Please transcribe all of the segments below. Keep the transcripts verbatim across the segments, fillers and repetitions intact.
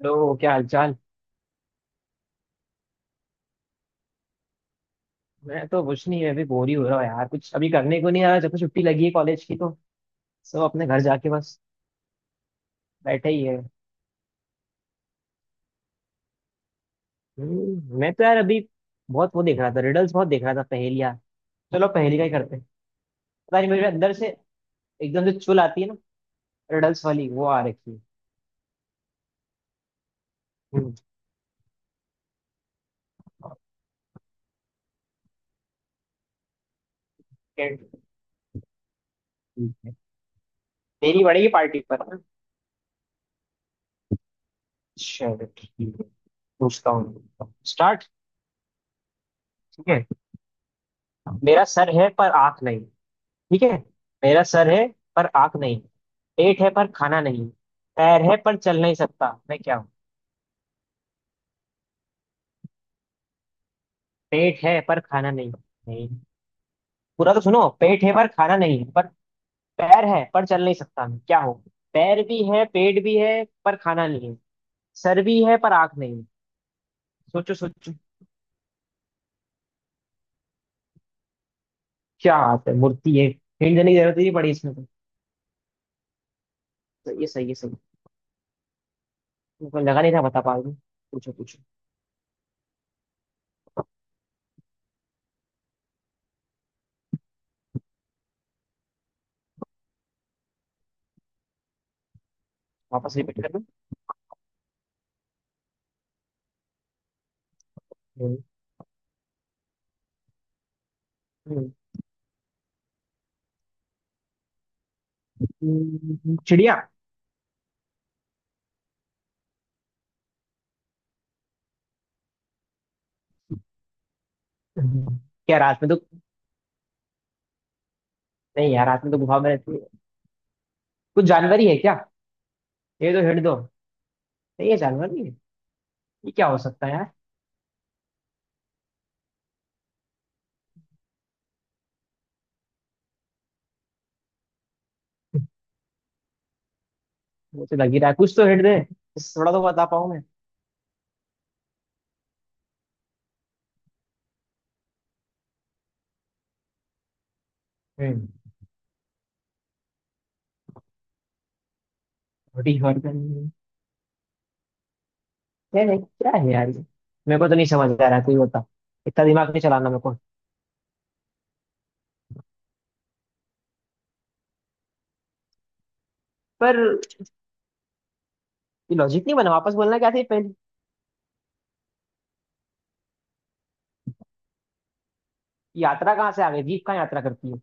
Hello, क्या हालचाल। मैं तो कुछ नहीं, मैं भी बोर ही हो रहा हूँ यार। कुछ अभी करने को नहीं आ रहा जब से छुट्टी लगी है कॉलेज की तो सब अपने घर जाके बस बैठे ही है। हम्म, मैं तो यार अभी बहुत वो देख रहा था रिडल्स, बहुत देख रहा था पहेलियां। चलो पहेली का ही करते हैं। पता नहीं मेरे अंदर से एकदम से चुल आती है ना रिडल्स वाली, वो आ रखी है। हम्म, ठीक। ठीक है। तेरी पड़ेगी पार्टी पर, हाँ? चलो ठीक है, पूछता हूँ। स्टार्ट। ठीक है। मेरा सर है पर आँख नहीं। ठीक है। मेरा सर है पर आँख नहीं, पेट है पर खाना नहीं, पैर है पर चल नहीं सकता, मैं क्या हूँ। पेट है पर खाना नहीं, नहीं पूरा तो सुनो। पेट है पर खाना नहीं है, पर पैर है पर चल नहीं सकता, मैं क्या हूँ। पैर भी है, पेट भी है पर खाना नहीं है, सर भी है पर आँख नहीं है। सोचो सोचो। क्या बात है, मूर्ति है। हिंट देने की जरूरत ही नहीं पड़ी इसमें तो। तो ये सही है, सही है। मेरे को लगा नहीं था बता पाऊंगी। पूछो पूछो। वापस रिपीट कर दो। हम्म, हम्म, चिड़िया। क्या, रात में तो नहीं यार, हाथ में तो गुफा में रहती है। कुछ जानवर ही है क्या? ये तो हिंट दो। नहीं, ये जानवर नहीं है। ये क्या हो सकता है यार? वो तो लग ही रहा है, कुछ तो हिंट दे, इससे थोड़ा तो बता पाऊं मैं। हम्म। बॉडी हॉर्गन नहीं, नहीं क्या है यार ये। मेरे को तो नहीं समझ आ रहा है, कोई बता। इतना दिमाग नहीं चलाना मेरे को। पर ये लॉजिक नहीं बना, वापस बोलना क्या था ये पहले। यात्रा कहाँ से आ गई, जीप कहाँ यात्रा करती है।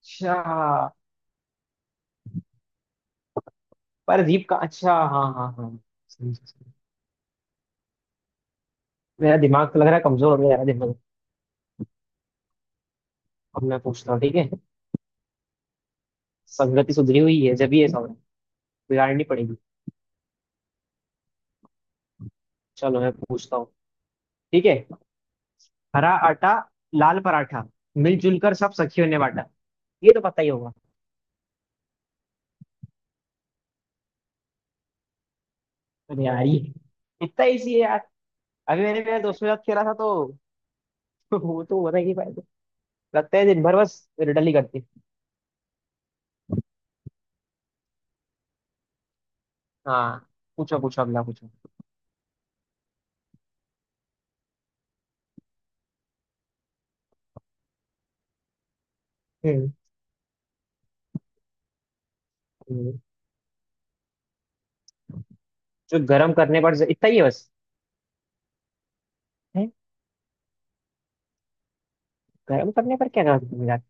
अच्छा। पर जीप का, अच्छा, हाँ हाँ हाँ। सही, सही, सही। मेरा दिमाग तो लग रहा है कमजोर हो गया यार, दिमाग। अब मैं पूछता हूँ, ठीक है। संगति सुधरी हुई है, जब ये समझ बिगाड़नी पड़ेगी। चलो मैं पूछता हूँ। ठीक है। हरा आटा, लाल पराठा, मिलजुल कर सब सखियों ने बांटा। ये तो पता ही होगा। अरे यार ये इतना इजी है यार। अभी मैंने मेरे दोस्त के साथ खेला था तो वो तो बता ही नहीं पाया था। लगता है दिन भर बस रिडल ही करती। हाँ, पूछो पूछो, अगला पूछो। हम्म हम्म। जो गर्म करने पर, इतना ही है बस? है। गर्म करने पर क्या करते हैं यार।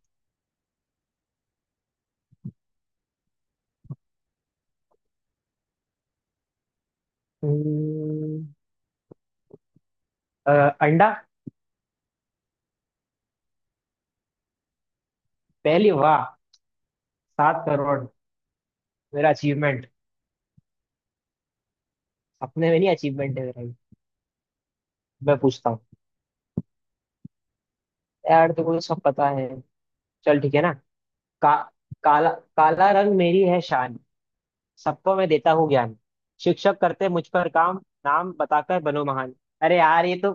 हम्म, अ, अंडा। पहली वाह। सात करोड़ मेरा अचीवमेंट। अपने में नहीं, अचीवमेंट है मेरा ये। मैं पूछता हूँ। यार तो मुझे सब पता है, चल ठीक है ना। का, काला। काला रंग मेरी है शान, सबको मैं देता हूँ ज्ञान, शिक्षक करते मुझ पर काम, नाम बताकर बनो महान। अरे यार ये तो,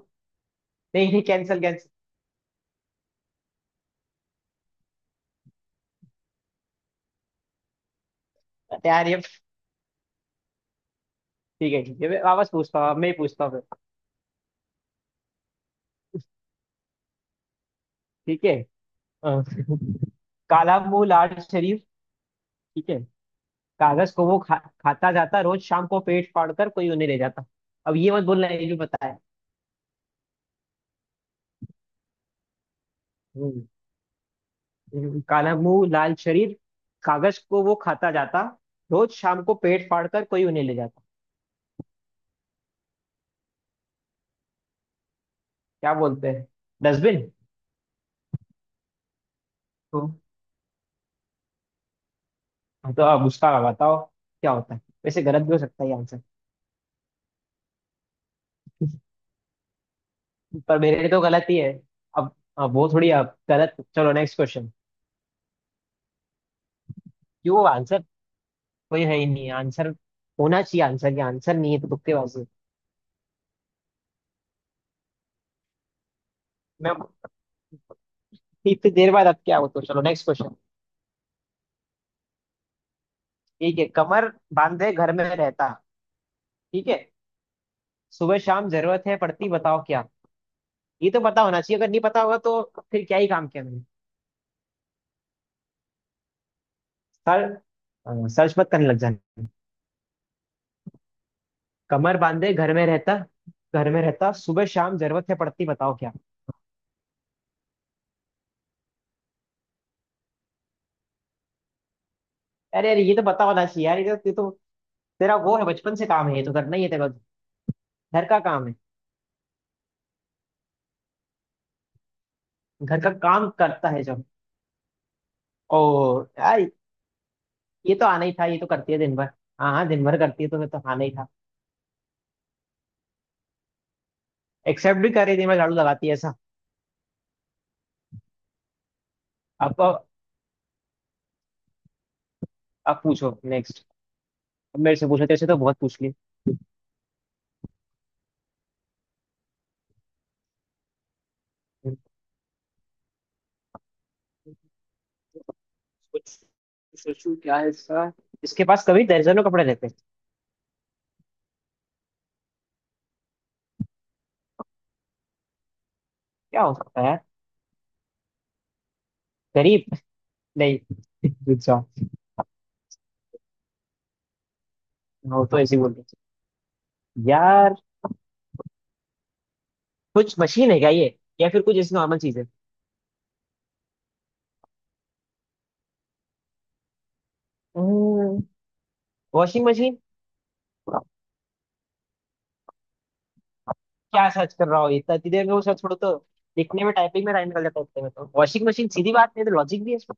नहीं नहीं, कैंसिल कैंसिल। यार ये, ठीक है ठीक है, मैं वापस पूछता हूँ, मैं ही पूछता हूँ फिर। ठीक है। अ, काला मुंह, लाल शरीफ, ठीक है, कागज को वो खा, खाता जाता, रोज शाम को पेट फाड़कर कोई उन्हें ले जाता। अब ये मत बोलना ये भी पता है। हम्म। काला मुंह, लाल शरीर, कागज को वो खाता जाता, रोज शाम को पेट फाड़कर कोई उन्हें ले जाता। क्या बोलते हैं? डस्टबिन? तो तो अब उसका बताओ क्या होता है, वैसे गलत भी हो सकता है आंसर। पर मेरे लिए तो गलत ही है। अब अब वो थोड़ी, अब गलत, चलो नेक्स्ट क्वेश्चन। क्यों आंसर? कोई है ही नहीं आंसर, होना चाहिए आंसर। ये आंसर नहीं है, तो तुक्केबाजी। मैं इतनी देर बाद अब क्या हो, तो चलो नेक्स्ट क्वेश्चन। ठीक है, कमर बांधे घर में रहता, ठीक है, सुबह शाम जरूरत है पड़ती, बताओ क्या। ये तो पता होना चाहिए, अगर नहीं पता होगा तो फिर क्या ही काम किया मैंने। सर सर्च मत करने लग जाना। कमर बांधे घर में रहता, घर में रहता, सुबह शाम जरूरत है पड़ती, बताओ क्या। अरे अरे, ये तो पता होना चाहिए यार, ये तो, ये तो तेरा वो है, बचपन से काम है ये, तो करना ही है तेरा, घर का काम है। घर का काम करता है जब, ओ यार ये तो आना ही था, ये तो करती है दिन भर। हाँ हाँ, दिन भर करती है तो फिर तो आना ही था। एक्सेप्ट भी कर रही है, दिन भर झाड़ू लगाती है ऐसा। अब अब पूछो नेक्स्ट। मेरे से पूछो, तेरे से तो बहुत पूछ ली। कुछ सोचू क्या है इसका। इसके पास कभी दर्जनों कपड़े रहते हैं, क्या हो सकता है यार। गरीब? नहीं, अच्छा, वो तो ऐसे ही बोलते हैं। यार कुछ मशीन है क्या ये, या फिर कुछ ऐसी नॉर्मल चीज है? Washing machine. क्या सर्च कर रहा हो इतना, इतनी देर में वो सर्च छोड़ो तो। लिखने में, टाइपिंग में टाइम निकल जाता है, उतने में तो वॉशिंग मशीन, सीधी बात। नहीं तो लॉजिक भी है इसमें।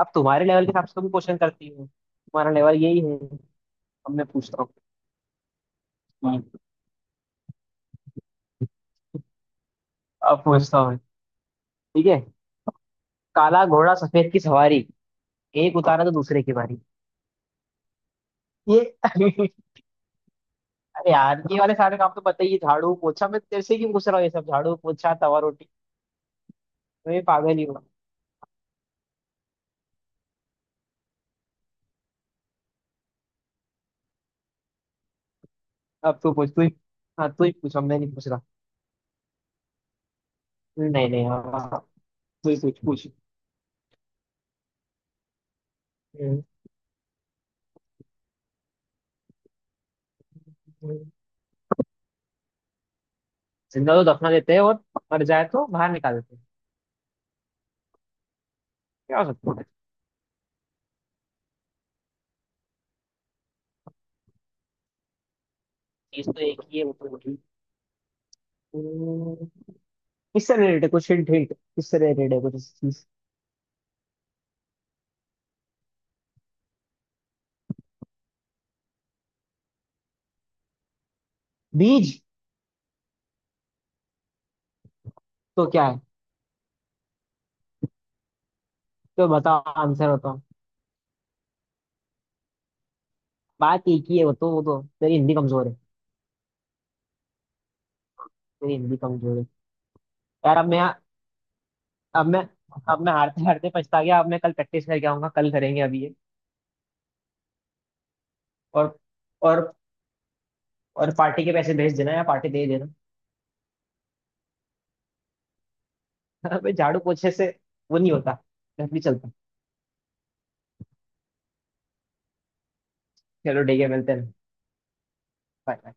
आप, तुम्हारे लेवल के हिसाब से भी क्वेश्चन करती हो, तुम्हारा लेवल यही है। अब मैं पूछता हूँ, अब पूछता हूँ, ठीक है। काला घोड़ा सफेद की सवारी, एक उतारा तो दूसरे की बारी। ये अरे यार, ये वाले सारे काम तो पता ही है, झाड़ू पोछा, मैं तेरे से क्यों पूछ रहा हूँ ये सब, झाड़ू पोछा तवा रोटी, मैं पागल ही हूँ। अब तू पूछ, तू ही। हाँ तू ही पूछ, अब मैं नहीं पूछ रहा। नहीं नहीं, हाँ हाँ, तू ही पूछ पूछ। हम्म, हम्म। जिंदा तो दफना देते हैं और मर जाए तो बाहर निकाल देते हैं, क्या हो सकता है? चीज तो एक ही है, वो तो वही। हम्म, किससे रिलेटेड है, कुछ हिंट, हिंट किससे रिलेटेड है, कुछ इस चीज। बीज? तो क्या है, तो बताओ, आंसर बताओ। बात एक ही है, वो तो, वो तो तेरी हिंदी कमजोर है, मेरी हिंदी कमजोर है। यार अब मैं अब मैं अब मैं हारते हारते पछता गया, अब मैं कल प्रैक्टिस करके आऊंगा, कल करेंगे अभी ये। और और और पार्टी के पैसे भेज देना या पार्टी दे देना। अबे झाड़ू पोछे से वो नहीं होता, घर नहीं चलता। चलो ठीक है, मिलते हैं। Bye bye.